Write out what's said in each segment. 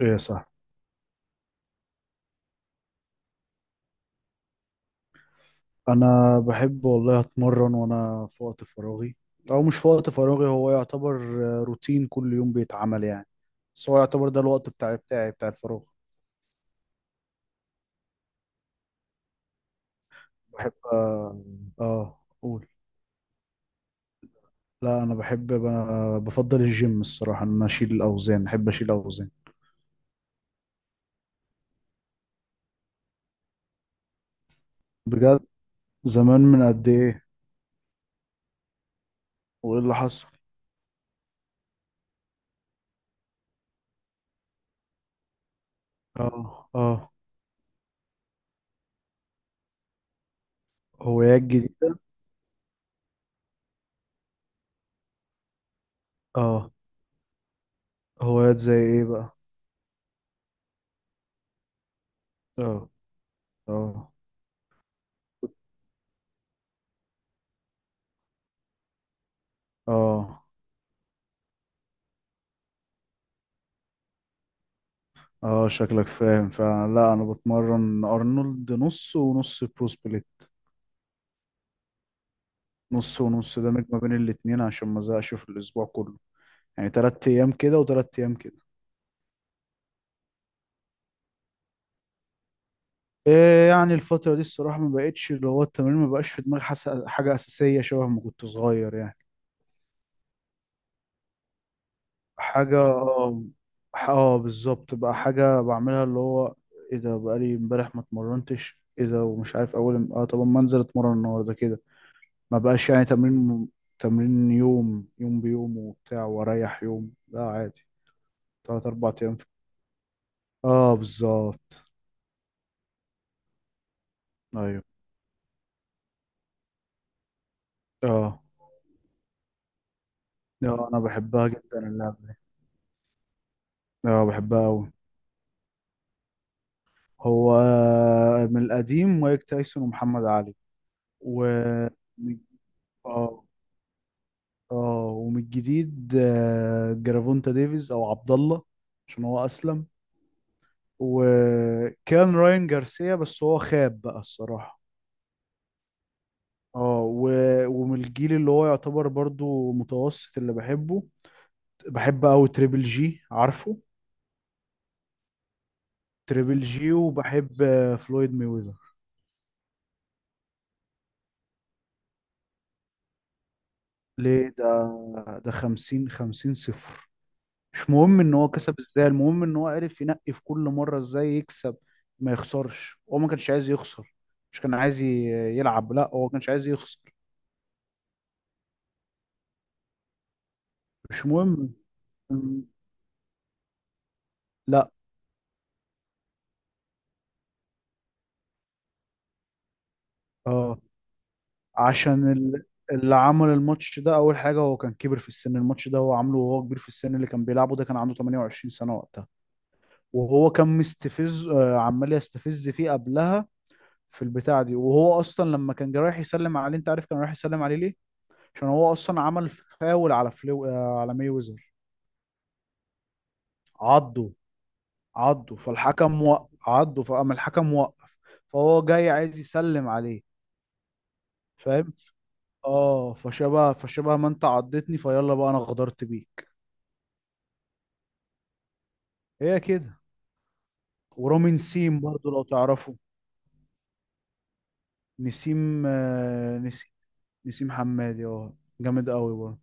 ايه، صح. انا بحب والله اتمرن وانا في وقت فراغي، او مش في وقت فراغي، هو يعتبر روتين كل يوم بيتعمل يعني. بس هو يعتبر ده الوقت بتاعي بتاع الفراغ. بحب، اه. قول. لا، انا بحب بفضل الجيم الصراحة، ان انا اشيل الاوزان، احب اشيل الاوزان. بجد. زمان من قد ايه؟ وايه اللي حصل؟ اه، اه. هوايات جديدة. اه. هوايات زي ايه بقى؟ اه، اه، اه، اه. شكلك فاهم فعلا. لا، انا بتمرن ارنولد نص ونص، برو سبليت. نص ونص ده ميك ما بين الاتنين عشان ما ازهقش في الاسبوع كله. يعني تلات ايام كده وتلات ايام كده. إيه يعني، الفترة دي الصراحة ما بقتش اللي هو التمرين ما بقاش في دماغي حاجة أساسية شبه ما كنت صغير يعني. حاجة، اه. بالظبط، بقى حاجة بعملها اللي هو ايه ده، بقالي امبارح ما اتمرنتش، ايه ده ومش عارف اول طب ما انزل اتمرن النهارده كده. ما بقاش يعني تمرين. تمرين يوم يوم بيوم وبتاع، واريح يوم، لا عادي. تلات اربع ايام في- اه، بالظبط. ايوه. اه، اه. انا بحبها جدا اللعبة دي. اه، بحبها قوي. هو، من القديم مايك تايسون ومحمد علي، و من- اه اه. ومن الجديد، جرافونتا ديفيز، او عبد الله، عشان هو اسلم. وكان راين جارسيا، بس هو خاب بقى الصراحة. اه، ومن الجيل اللي هو يعتبر برضو متوسط اللي بحبه، بحب قوي تريبل جي، عارفه؟ تريبل جي. وبحب فلويد ميوزر. ليه ده؟ ده خمسين خمسين صفر. مش مهم ان هو كسب ازاي، المهم ان هو عرف ينقي في كل مرة ازاي يكسب، ما يخسرش. هو ما كانش عايز يخسر، مش كان عايز يلعب. لا، هو ما كانش عايز يخسر. مش مهم. لا. اه. عشان ال- اللي عمل الماتش ده، اول حاجه، هو كان كبر في السن. الماتش ده هو عامله وهو كبير في السن. اللي كان بيلعبه ده كان عنده 28 سنه وقتها، وهو كان مستفز. عمال يستفز فيه قبلها في البتاعه دي، وهو اصلا لما كان جاي رايح يسلم عليه. انت عارف كان رايح يسلم عليه ليه؟ عشان هو اصلا عمل فاول على فلو آه، على ماي ويزر. عضه. عضه فالحكم وقف. عضه، فقام الحكم وقف. فهو جاي عايز يسلم عليه. فاهم. اه، فشبه ما انت عضتني، فيلا بقى انا غدرت بيه. هي كده. ورامي نسيم برضو، لو تعرفه. نسيم. نسيم حمادي، اه. جامد قوي برضه.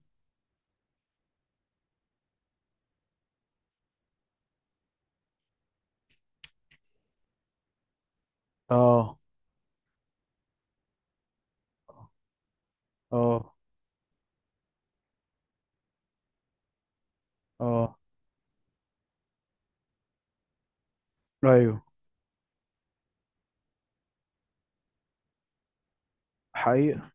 اه، اه، اه. ايوه. حقيقة.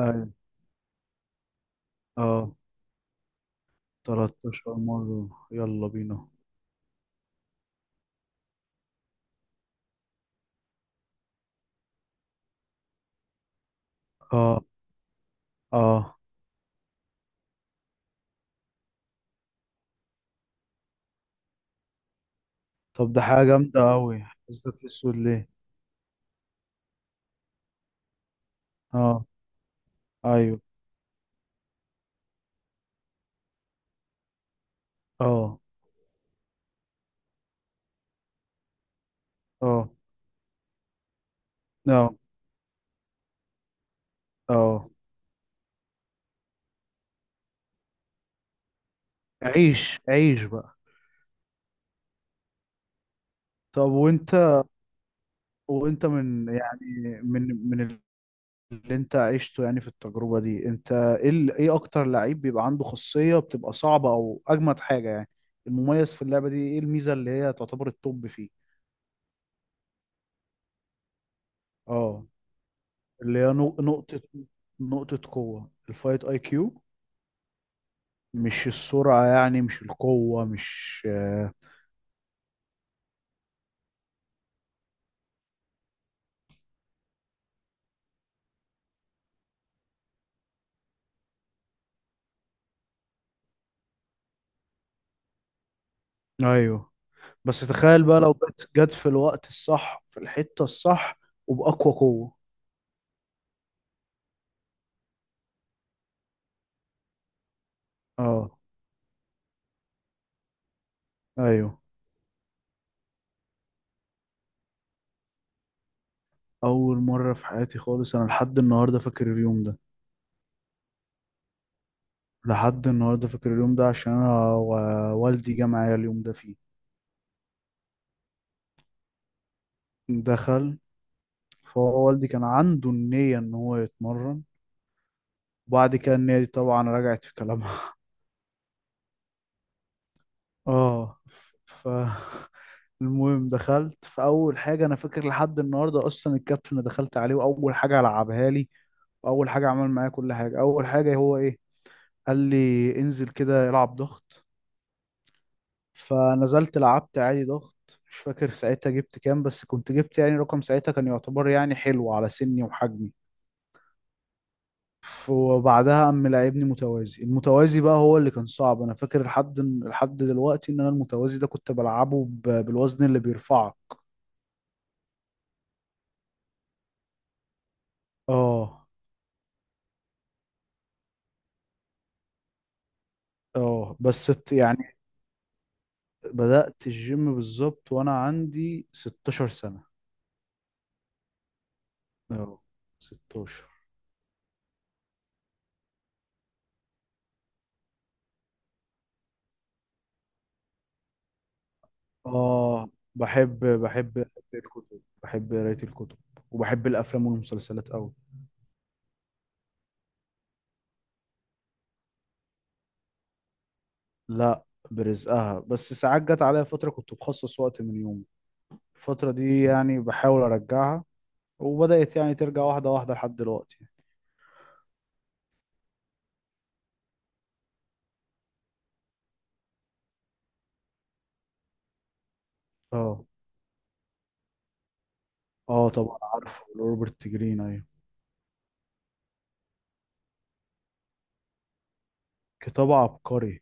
ايوه. اه، 13 مرة، يلا بينا. اه، اه. طب ده حاجة جامدة قوي، ازدت اسود ليه؟ اه. ايوه، اه، اه، اه، اه. عيش عيش بقى. طب وانت. وانت من يعني. من اللي انت عشته يعني في التجربة دي، انت ايه ايه اكتر لعيب بيبقى عنده خاصية بتبقى صعبة، او اجمد حاجة يعني، المميز في اللعبة دي؟ ايه الميزة اللي هي تعتبر التوب فيه؟ اه، اللي هي نقطة نقطة قوة، الفايت اي كيو. مش السرعة يعني، مش القوة، مش. ايوه، بس تخيل بقى لو جت في الوقت الصح، في الحتة الصح، وبأقوى قوة. اه. ايوه. اول مرة في حياتي خالص، انا لحد النهاردة فاكر اليوم ده. لحد النهارده فاكر اليوم ده عشان انا والدي جه معايا اليوم ده فيه. دخل. فهو والدي كان عنده النية ان هو يتمرن، وبعد كده النية دي طبعا رجعت في كلامها. اه. ف المهم دخلت، فاول حاجه انا فاكر لحد النهارده اصلا الكابتن اللي دخلت عليه، واول حاجه لعبها لي واول حاجه عمل معايا كل حاجه، اول حاجه هو ايه؟ قال لي انزل كده العب ضغط. فنزلت لعبت عادي ضغط، مش فاكر ساعتها جبت كام، بس كنت جبت يعني رقم ساعتها كان يعتبر يعني حلو على سني وحجمي. وبعدها قام لعبني متوازي. المتوازي بقى هو اللي كان صعب. انا فاكر لحد دلوقتي ان انا المتوازي ده كنت بلعبه بالوزن اللي بيرفعه. اه، اه. يعني بدأت الجيم بالظبط وانا عندي 16 سنة. اه. 16. اه. بحب قراية الكتب، بحب قراية الكتب. وبحب الافلام والمسلسلات قوي. لا، برزقها. بس ساعات جت عليا فترة كنت بخصص وقت من يومي، الفترة دي يعني بحاول ارجعها، وبدأت يعني ترجع واحدة واحدة لحد دلوقتي. اه، اه. طبعا عارفه روبرت جرين، ايوه. كتاب عبقري.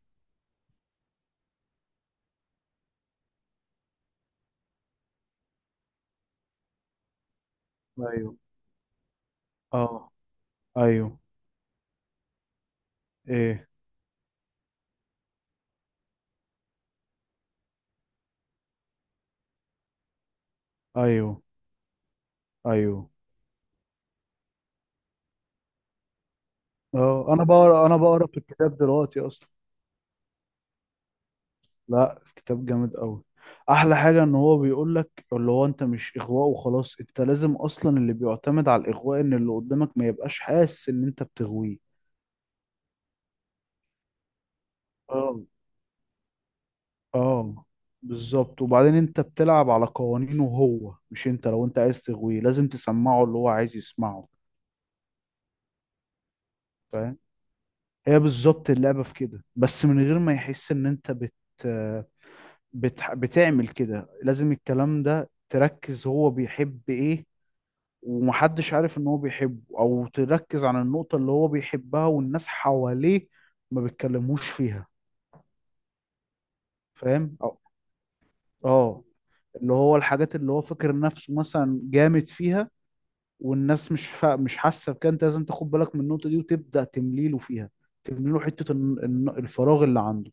ايوه، اه، ايوه، ايه، ايوه، ايوه. اه، انا بقرا في الكتاب دلوقتي اصلا. لا، كتاب جامد قوي. احلى حاجه ان هو بيقول لك اللي هو، انت مش اغواء وخلاص، انت لازم اصلا، اللي بيعتمد على الاغواء ان اللي قدامك ما يبقاش حاسس ان انت بتغويه. اه. اه، بالظبط. وبعدين انت بتلعب على قوانينه، هو مش انت. لو انت عايز تغويه لازم تسمعه اللي هو عايز يسمعه. فاهم. هي بالظبط اللعبه في كده، بس من غير ما يحس ان انت بت بت بتعمل كده. لازم الكلام ده تركز هو بيحب ايه، ومحدش عارف ان هو بيحبه، او تركز على النقطة اللي هو بيحبها والناس حواليه ما بيتكلموش فيها. فاهم. اه. اللي هو الحاجات اللي هو فاكر نفسه مثلا جامد فيها، والناس مش مش حاسة بكده. انت لازم تاخد بالك من النقطة دي وتبدأ تمليله فيها. تمليله حتة الفراغ اللي عنده.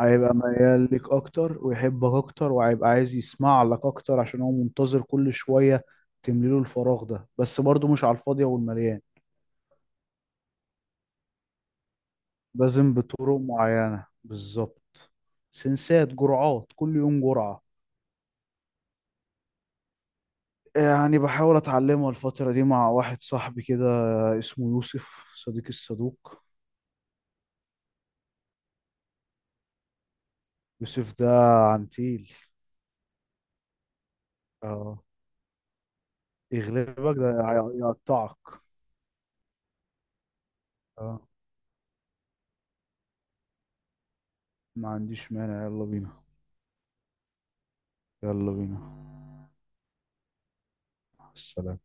هيبقى ميال لك اكتر، ويحبك اكتر، وهيبقى عايز يسمع لك اكتر عشان هو منتظر كل شوية تمليله الفراغ ده. بس برضه مش على الفاضية والمليان، لازم بطرق معينة، بالظبط. سنسات، جرعات، كل يوم جرعة. يعني بحاول أتعلمها الفترة دي مع واحد صاحبي كده، اسمه يوسف صديق الصدوق. يوسف ده عنتيل. اه، يغلبك ده يقطعك. اه. ما عنديش مانع، يلا بينا. يلا بينا. السلام.